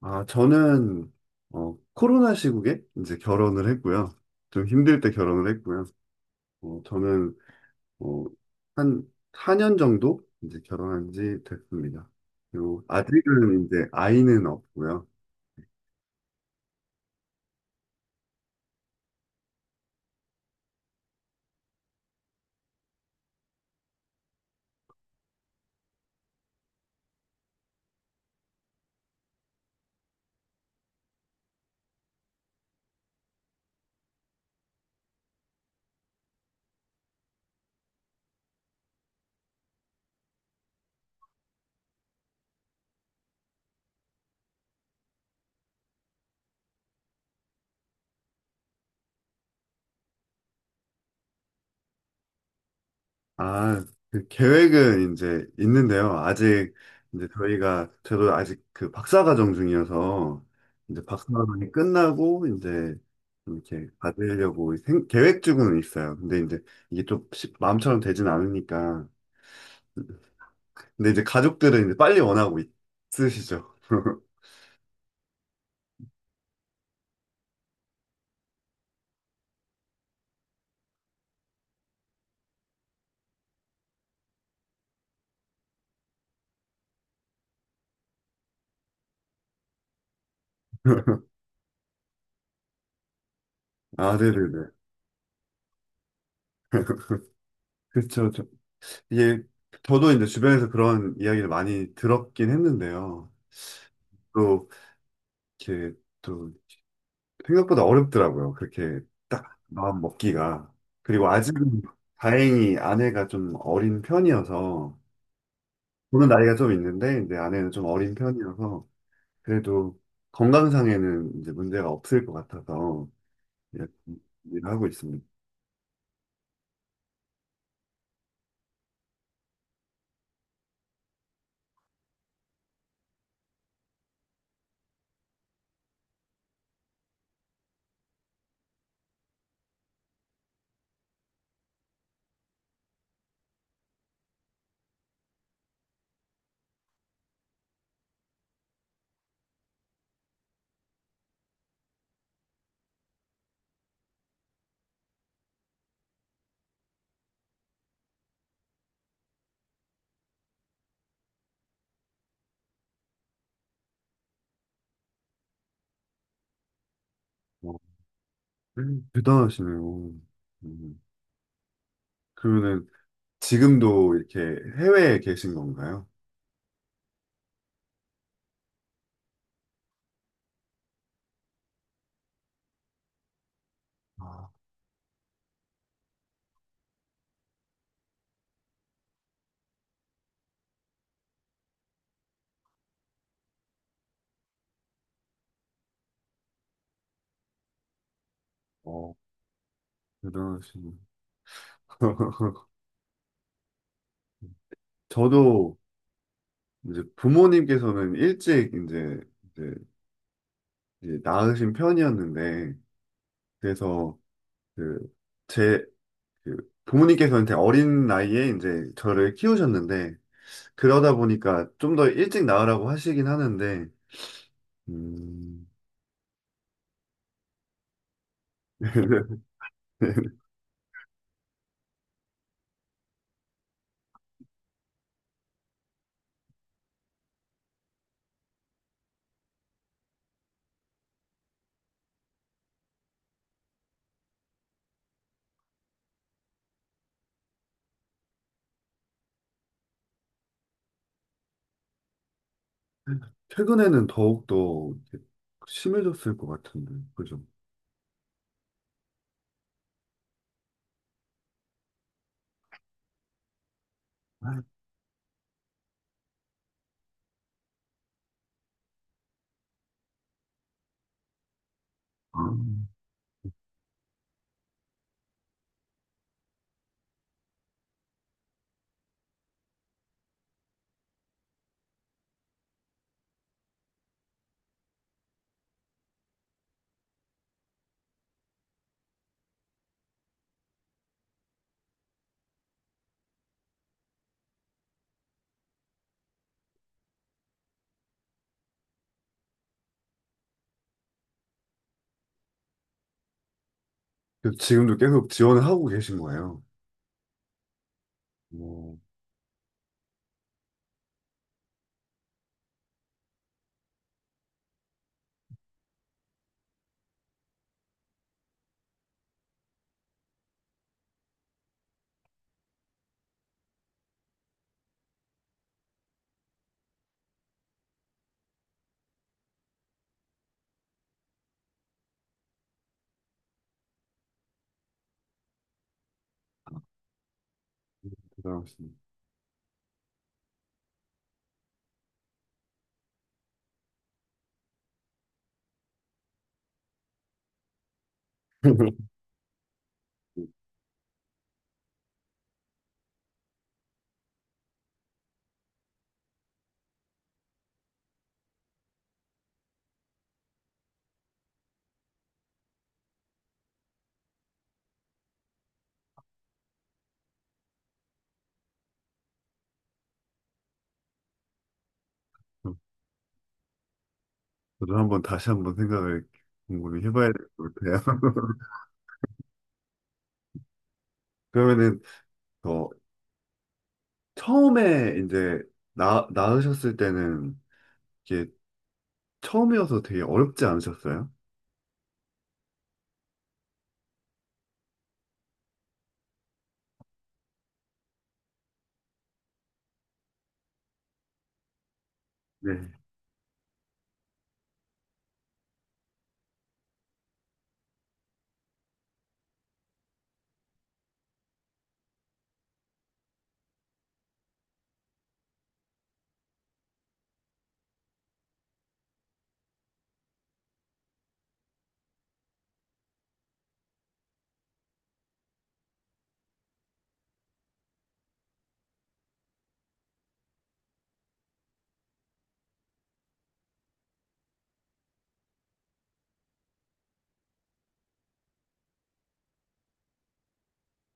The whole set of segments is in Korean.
아, 저는 코로나 시국에 이제 결혼을 했고요. 좀 힘들 때 결혼을 했고요. 저는 어, 한 4년 정도 이제 결혼한 지 됐습니다. 그리고 아직은 이제 아이는 없고요. 아, 그 계획은 이제 있는데요. 아직 이제 저희가 저도 아직 그 박사 과정 중이어서 이제 박사 과정이 끝나고 이제 이렇게 받으려고 계획 중은 있어요. 근데 이제 이게 좀 마음처럼 되진 않으니까. 근데 이제 가족들은 이제 빨리 원하고 있으시죠. 아, 네네네. 그렇죠. 이게 저도 이제 주변에서 그런 이야기를 많이 들었긴 했는데요. 또 이렇게 또 생각보다 어렵더라고요. 그렇게 딱 마음 먹기가. 그리고 아직은 다행히 아내가 좀 어린 편이어서, 저는 나이가 좀 있는데, 이제 아내는 좀 어린 편이어서, 그래도 건강상에는 이제 문제가 없을 것 같아서, 이렇게 일을 하고 있습니다. 어, 대단하시네요. 음, 그러면은 지금도 이렇게 해외에 계신 건가요? 아, 어, 대단하시네요. 저도 이제 부모님께서는 일찍 이제 이제 이제 낳으신 편이었는데, 그래서 그, 제, 그 부모님께서는 되게 어린 나이에 이제 저를 키우셨는데, 그러다 보니까 좀 더 일찍 낳으라고 하시긴 하는데, 음, 최근에는 더욱더 심해졌을 것 같은데, 그죠? 아. 그래서 지금도 계속 지원을 하고 계신 거예요. 뭐, 대단하십니다. 저도 한번 다시 한번 생각을 궁금히 해봐야 될 것 같아요. 그러면은 더 처음에 이제 낳으셨을 때는 이게 처음이어서 되게 어렵지 않으셨어요? 네.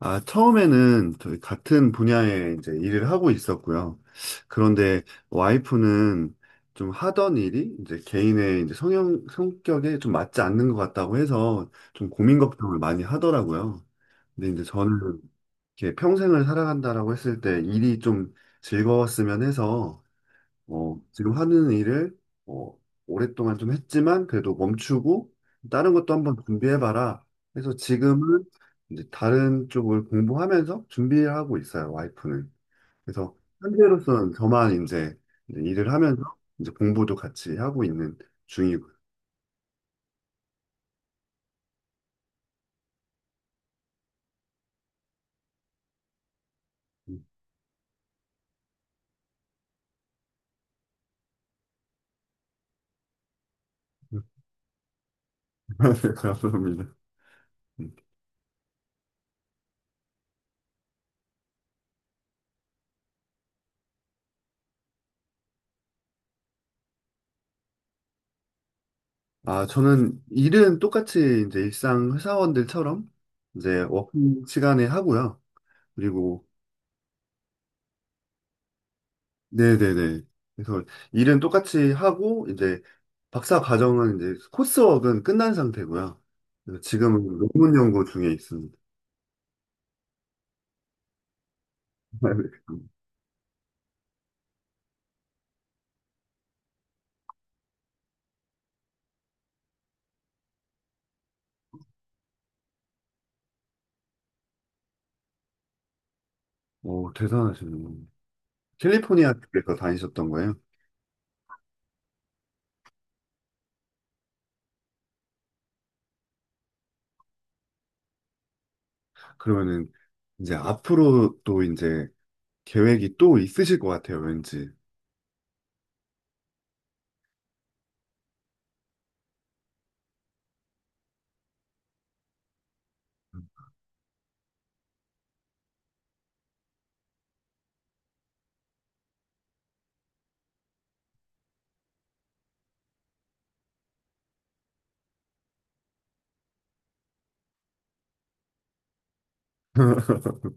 아, 처음에는 저희 같은 분야에 이제 일을 하고 있었고요. 그런데 와이프는 좀 하던 일이 이제 개인의 이제 성격에 좀 맞지 않는 것 같다고 해서 좀 고민 걱정을 많이 하더라고요. 근데 이제 저는 이렇게 평생을 살아간다라고 했을 때 일이 좀 즐거웠으면 해서 지금 하는 일을 어, 오랫동안 좀 했지만 그래도 멈추고 다른 것도 한번 준비해봐라. 그래서 지금은 이제 다른 쪽을 공부하면서 준비를 하고 있어요, 와이프는. 그래서 현재로서는 저만 이제 일을 하면서 이제 공부도 같이 하고 있는 중이고요. 음. 감사합니다. 음. 아, 저는 일은 똑같이 이제 일상 회사원들처럼 이제 워킹 시간에 하고요. 그리고 네네네. 그래서 일은 똑같이 하고, 이제 박사 과정은 이제 코스웍은 끝난 상태고요. 그래서 지금은 논문 연구 중에 있습니다. 오, 대단하시네요. 캘리포니아 쪽에서 다니셨던 거예요? 그러면은 이제 앞으로 또 이제 계획이 또 있으실 것 같아요, 왠지.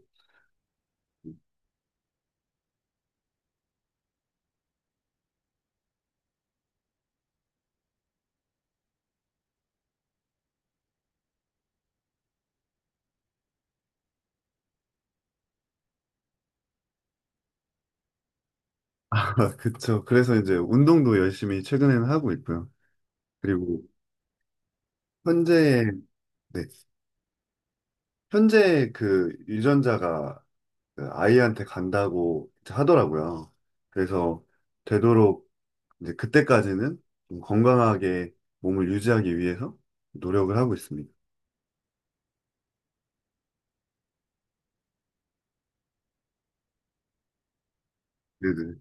아, 그쵸. 그래서 이제 운동도 열심히 최근에는 하고 있고요. 그리고 현재, 네, 현재 그 유전자가 그 아이한테 간다고 하더라고요. 그래서 되도록 이제 그때까지는 좀 건강하게 몸을 유지하기 위해서 노력을 하고 있습니다. 네네.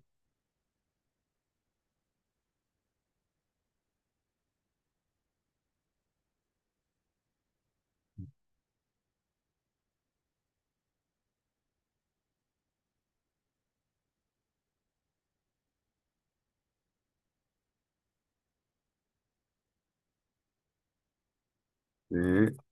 네.